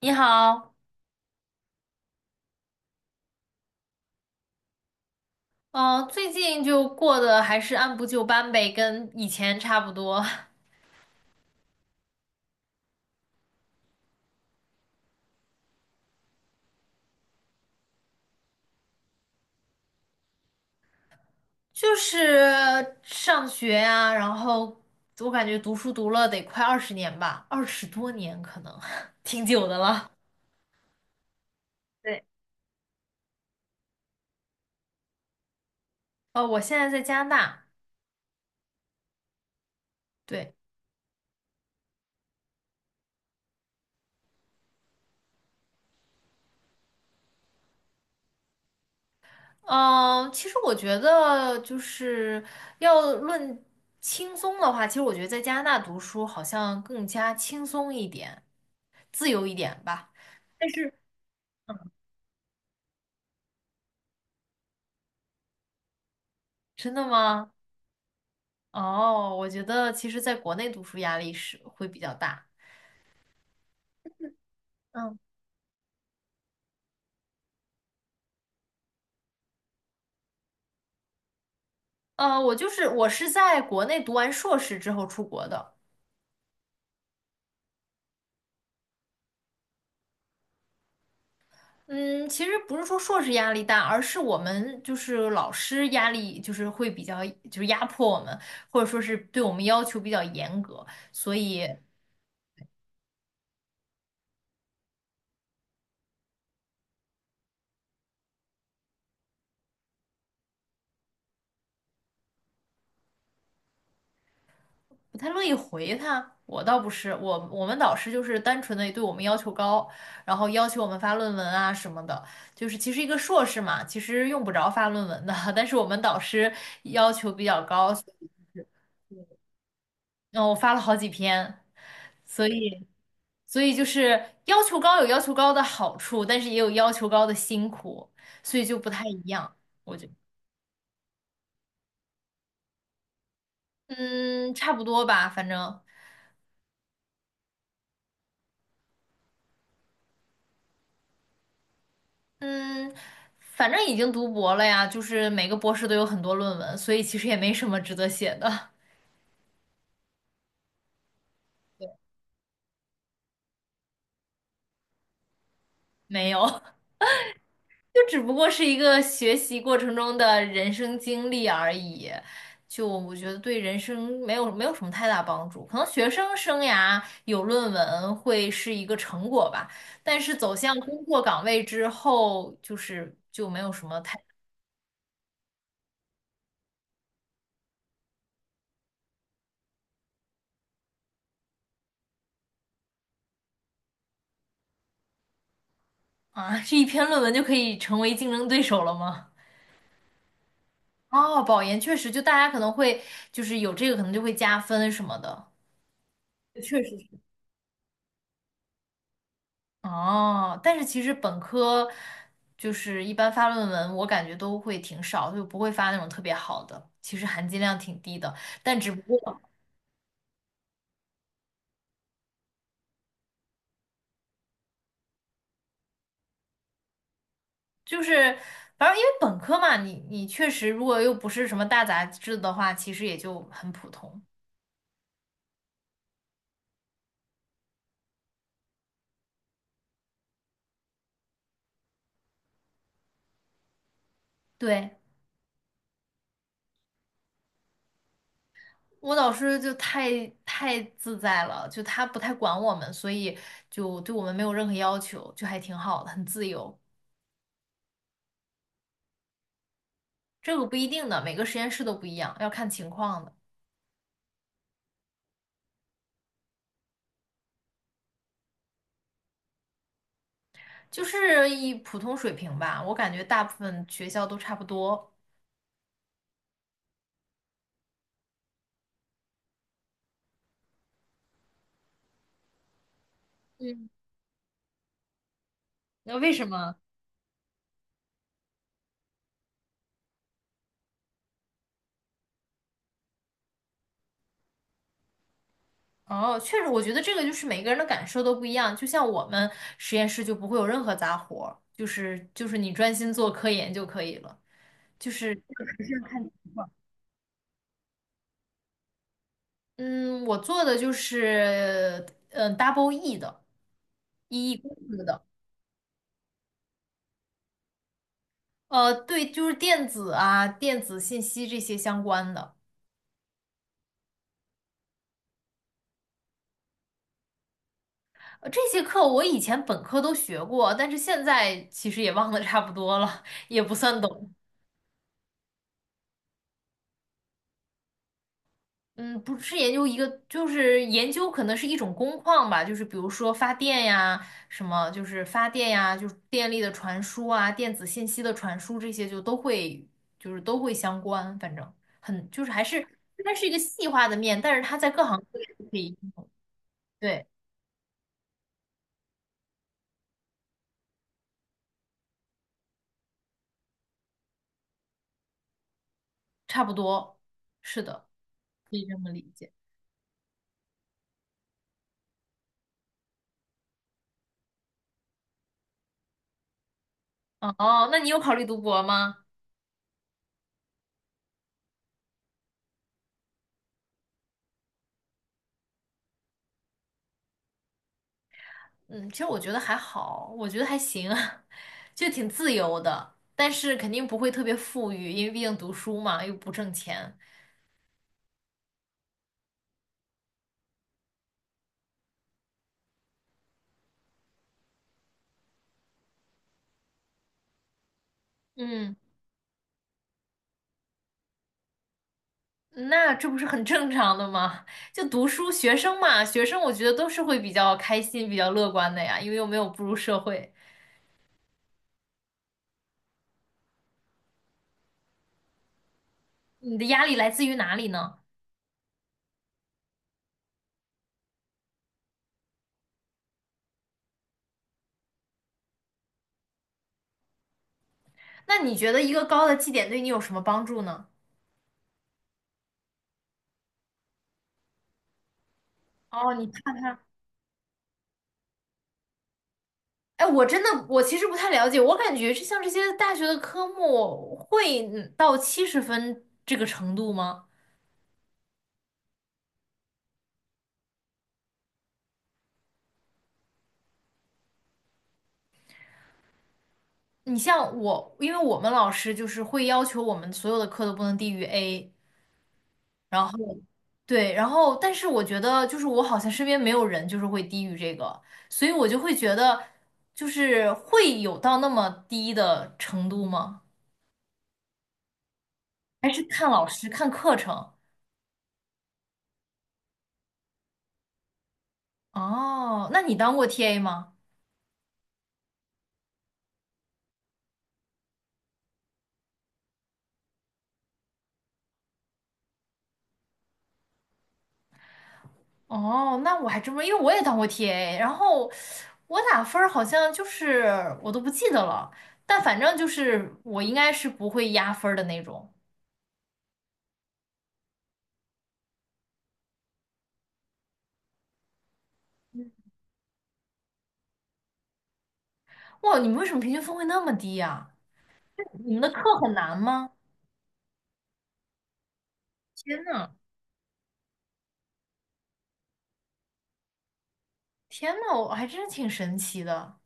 你好，嗯、最近就过得还是按部就班呗，跟以前差不多，就是上学呀、然后我感觉读书读了得快20年吧，20多年可能，挺久的了。对，我现在在加拿大，对，嗯、其实我觉得就是要论轻松的话，其实我觉得在加拿大读书好像更加轻松一点，自由一点吧。但是真的吗？哦，我觉得其实在国内读书压力是会比较大。嗯我就是是在国内读完硕士之后出国的。嗯，其实不是说硕士压力大，而是我们就是老师压力就是会比较就是压迫我们，或者说是对我们要求比较严格，所以不太乐意回他。我倒不是，我们导师就是单纯的对我们要求高，然后要求我们发论文啊什么的。就是其实一个硕士嘛，其实用不着发论文的，但是我们导师要求比较高，所以嗯，我发了好几篇，所以就是要求高有要求高的好处，但是也有要求高的辛苦，所以就不太一样，我觉得，嗯，差不多吧，反正。嗯，反正已经读博了呀，就是每个博士都有很多论文，所以其实也没什么值得写的，没有，就只不过是一个学习过程中的人生经历而已。就我觉得对人生没有什么太大帮助，可能学生生涯有论文会是一个成果吧，但是走向工作岗位之后，就是就没有什么太啊，这一篇论文就可以成为竞争对手了吗？哦，保研确实，就大家可能会就是有这个，可能就会加分什么的。确实是。哦，但是其实本科就是一般发论文，我感觉都会挺少，就不会发那种特别好的，其实含金量挺低的。但只不过就是，反正因为本科嘛，你确实如果又不是什么大杂志的话，其实也就很普通。对。我老师就太自在了，就他不太管我们，所以就对我们没有任何要求，就还挺好的，很自由。这个不一定的，每个实验室都不一样，要看情况的，就是一普通水平吧。我感觉大部分学校都差不多。嗯，那为什么？哦，确实，我觉得这个就是每个人的感受都不一样。就像我们实验室就不会有任何杂活儿，就是就是你专心做科研就可以了，就是。是要看情况。嗯，我做的就是嗯 double E 的，EE 公司的，对，就是电子啊、电子信息这些相关的。这些课我以前本科都学过，但是现在其实也忘得差不多了，也不算懂。嗯，不是研究一个，就是研究可能是一种工况吧，就是比如说发电呀，什么就是发电呀，就是电力的传输啊，电子信息的传输这些就都会，就是都会相关，反正很就是还是它是一个细化的面，但是它在各行各业都可以，对，差不多，是的，可以这么理解。哦，那你有考虑读博吗？嗯，其实我觉得还好，我觉得还行，就挺自由的，但是肯定不会特别富裕，因为毕竟读书嘛，又不挣钱。嗯，那这不是很正常的吗？就读书，学生嘛，学生我觉得都是会比较开心、比较乐观的呀，因为又没有步入社会。你的压力来自于哪里呢？那你觉得一个高的绩点对你有什么帮助呢？哦，你看看。哎，我真的，我其实不太了解，我感觉这像这些大学的科目会嗯到70分这个程度吗？你像我，因为我们老师就是会要求我们所有的课都不能低于 A，然后对，然后但是我觉得就是我好像身边没有人就是会低于这个，所以我就会觉得就是会有到那么低的程度吗？还是看老师看课程？哦，那你当过 TA 吗？哦，那我还真不，因为我也当过 TA，然后我打分儿好像就是我都不记得了，但反正就是我应该是不会压分儿的那种。哇，你们为什么平均分会那么低呀？你们的课很难吗？天呐，天呐，我还真是挺神奇的。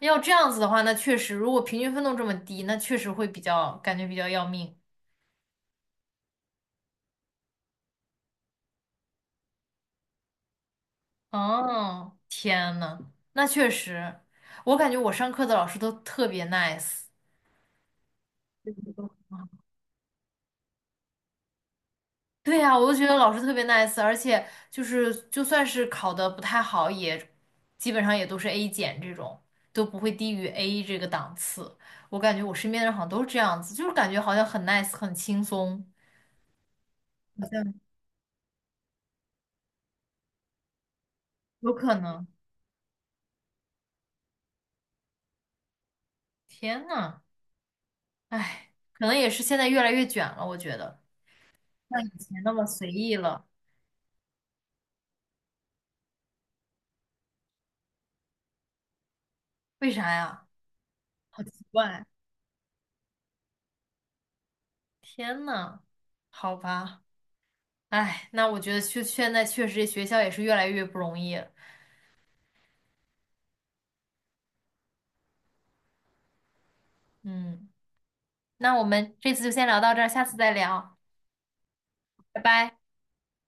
要这样子的话，那确实，如果平均分都这么低，那确实会比较感觉比较要命。哦，天呐，那确实，我感觉我上课的老师都特别 nice。对呀，我就觉得老师特别 nice，而且就是就算是考的不太好，也基本上也都是 A 减这种，都不会低于 A 这个档次。我感觉我身边的人好像都是这样子，就是感觉好像很 nice，很轻松，好像有可能。天呐，唉，可能也是现在越来越卷了，我觉得像以前那么随意了，为啥呀？好奇怪。天呐，好吧，唉，那我觉得确现在确实这学校也是越来越不容易了嗯。那我们这次就先聊到这儿，下次再聊，拜拜。